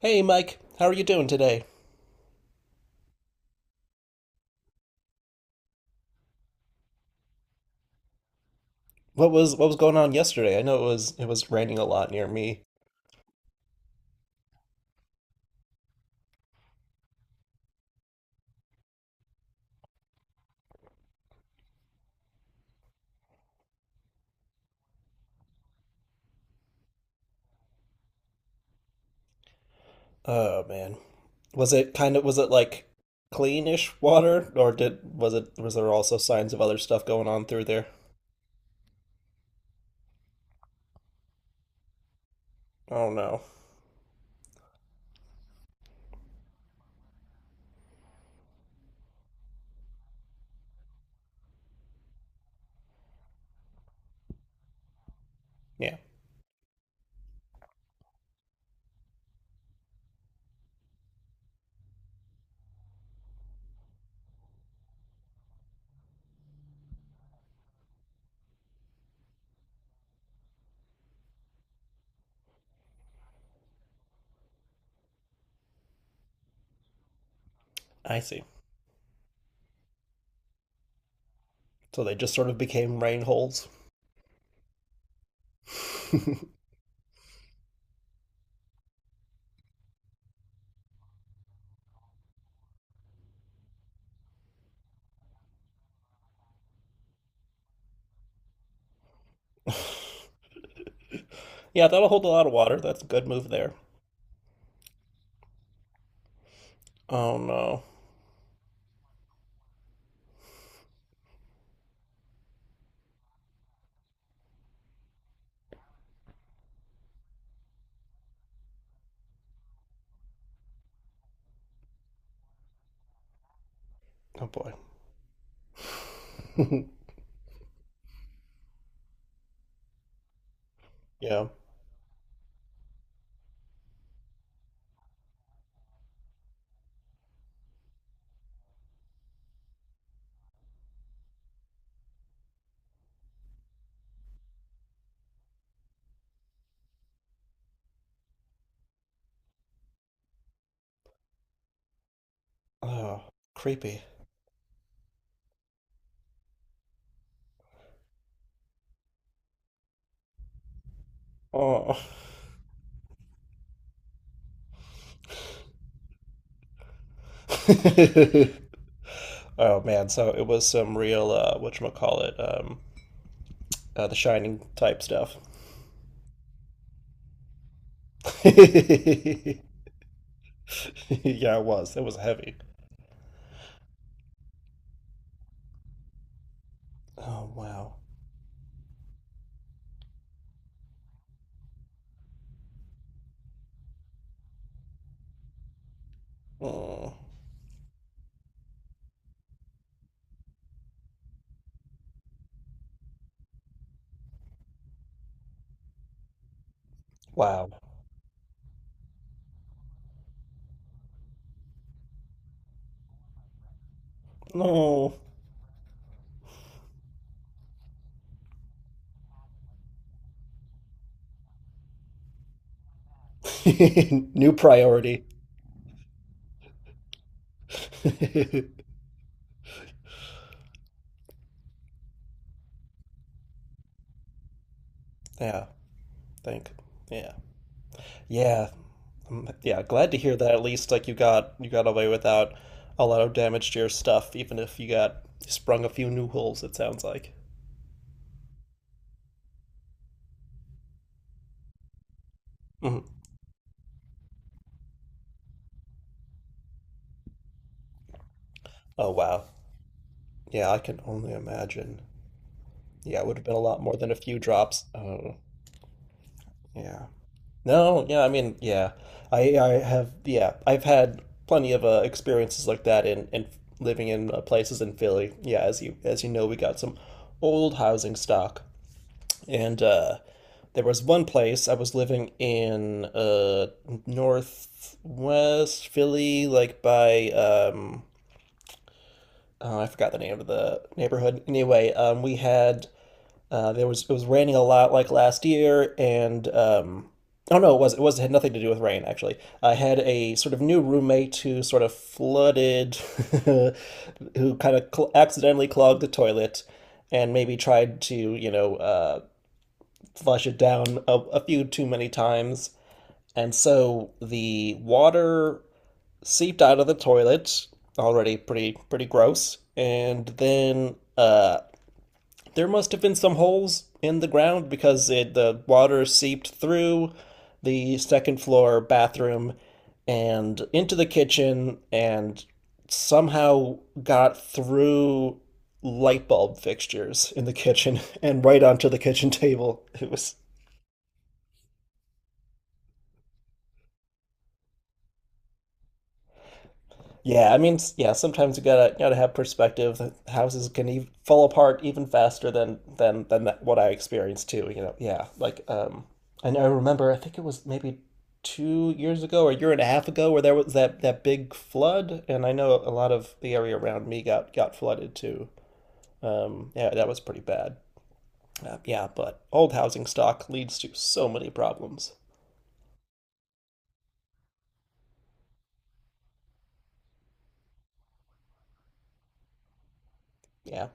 Hey Mike, how are you doing today? What was going on yesterday? I know it was raining a lot near me. Oh man. Was it kind of, was it like cleanish water? Or did was it was there also signs of other stuff going on through there? Oh no. Yeah, I see. So they just sort of became rain holes. Yeah, that'll hold a lot of water. That's a good move there. Oh no. Oh boy. Yeah. Oh, creepy. Oh. Oh man, so it was some real whatchamacallit, the Shining type stuff. Yeah, it was. It was heavy. Oh wow. Mm, wow. No. New priority. Yeah, think. Yeah. Yeah. Yeah, glad to hear that at least like you got, you got away without a lot of damage to your stuff, even if you got sprung a few new holes, it sounds like. Mhm. Oh wow. Yeah, I can only imagine. Yeah, it would have been a lot more than a few drops. Oh, yeah. No, yeah, I mean, yeah. I've had plenty of experiences like that in living in places in Philly. Yeah, as you know, we got some old housing stock, and there was one place I was living in northwest Philly, like by oh, I forgot the name of the neighborhood. Anyway, we had. There was it was raining a lot like last year, and oh no, it had nothing to do with rain actually. I had a sort of new roommate who sort of flooded, who kind of cl accidentally clogged the toilet, and maybe tried to, you know, flush it down a few too many times, and so the water seeped out of the toilet, already pretty gross, and then there must have been some holes in the ground because the water seeped through the second floor bathroom and into the kitchen, and somehow got through light bulb fixtures in the kitchen and right onto the kitchen table. It was. Yeah, I mean, yeah, sometimes you gotta, you gotta have perspective. The houses can even fall apart even faster than that, what I experienced too, you know. Yeah, like and I remember I think it was maybe 2 years ago or a year and a half ago where there was that big flood, and I know a lot of the area around me got flooded too. Yeah, that was pretty bad. Yeah, but old housing stock leads to so many problems. Yeah,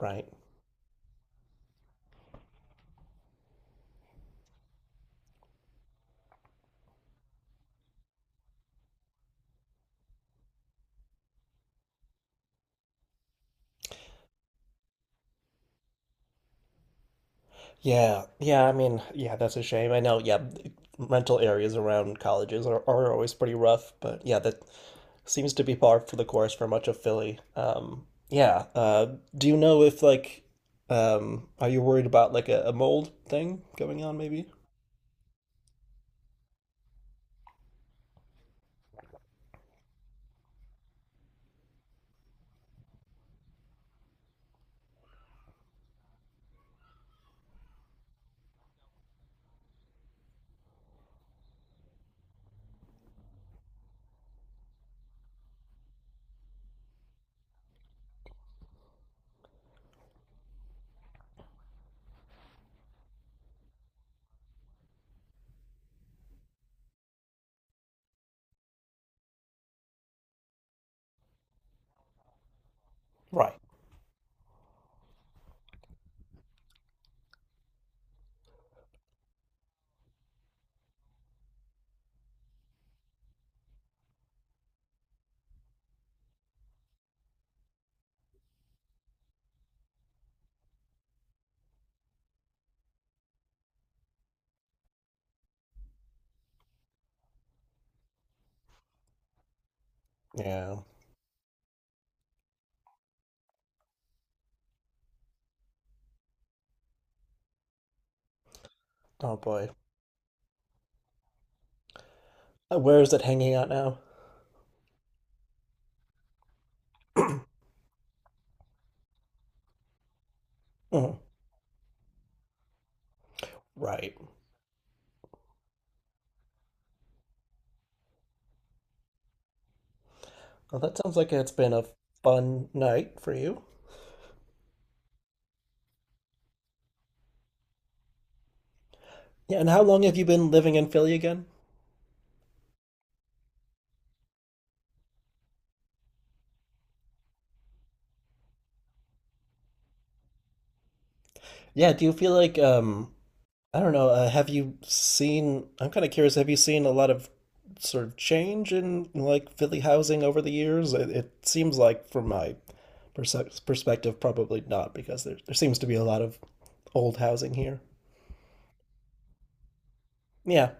right. Yeah, yeah, I mean, yeah, that's a shame. I know, yeah, rental areas around colleges are always pretty rough, but yeah, that seems to be par for the course for much of Philly. Yeah, do you know if like, are you worried about like a mold thing going on maybe? Right. Yeah. Oh boy. Where is it hanging out now? Mhm. Right. Well, that sounds like it's been a fun night for you. Yeah, and how long have you been living in Philly again? Yeah, do you feel like I don't know. Have you seen? I'm kind of curious. Have you seen a lot of sort of change in like Philly housing over the years? It seems like, from my perspective, probably not, because there seems to be a lot of old housing here. Yeah,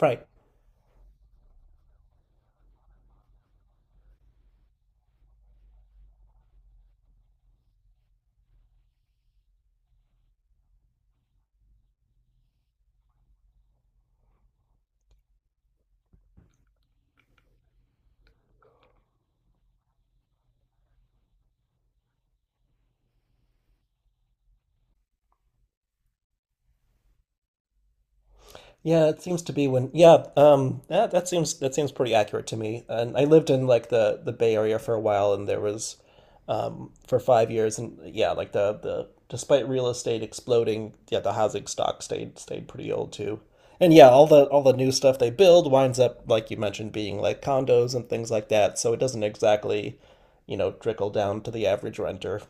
right. Yeah, it seems to be when, yeah, that that seems, that seems pretty accurate to me. And I lived in like the Bay Area for a while, and there was for 5 years, and yeah, like the despite real estate exploding, yeah, the housing stock stayed, stayed pretty old too. And yeah, all the new stuff they build winds up like you mentioned being like condos and things like that, so it doesn't exactly, you know, trickle down to the average renter,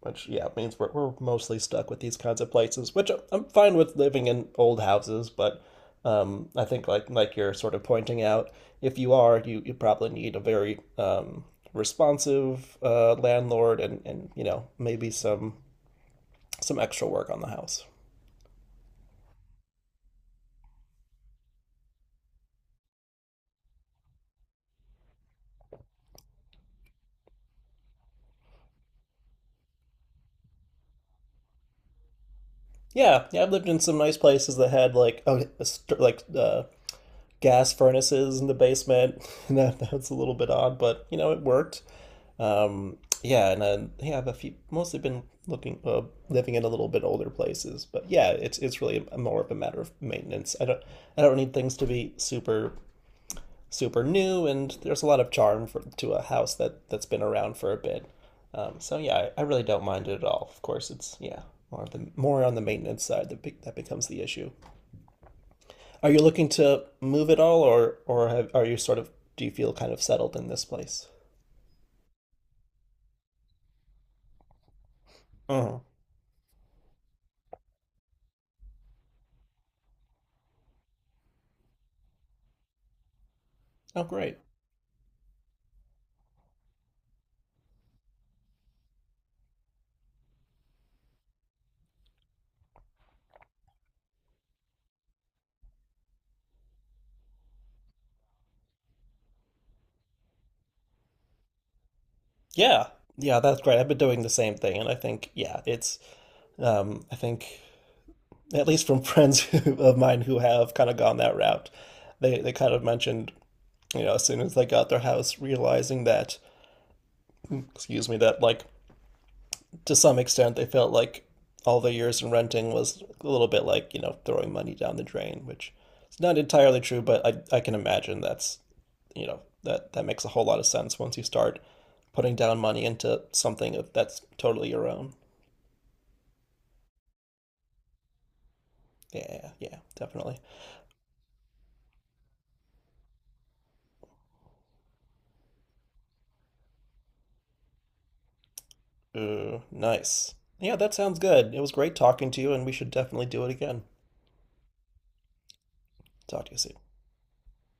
which yeah means we're mostly stuck with these kinds of places, which am fine with living in old houses, but I think like you're sort of pointing out, if you are you, you probably need a very responsive landlord, and you know maybe some extra work on the house. Yeah, yeah, I've lived in some nice places that had like a like gas furnaces in the basement. That, that's a little bit odd, but you know it worked. Um, yeah, and yeah, I've a few, mostly been looking living in a little bit older places, but yeah, it's really a, more of a matter of maintenance. I don't need things to be super super new, and there's a lot of charm for, to a house that that's been around for a bit. So yeah, I really don't mind it at all. Of course, it's yeah more of the more on the maintenance side that that becomes the issue. Are you looking to move at all, or have, are you sort of, do you feel kind of settled in this place? Hmm. Oh, great. Yeah, yeah, that's great. I've been doing the same thing, and I think yeah, it's I think at least from friends who, of mine who have kind of gone that route, they kind of mentioned, you know, as soon as they got their house, realizing that, excuse me, that like to some extent, they felt like all the years in renting was a little bit like, you know, throwing money down the drain, which is not entirely true, but I can imagine that's, you know, that, that makes a whole lot of sense once you start putting down money into something that's totally your own. Yeah, yeah, definitely. Ooh, nice. Yeah, that sounds good. It was great talking to you, and we should definitely do it again. Talk to you soon.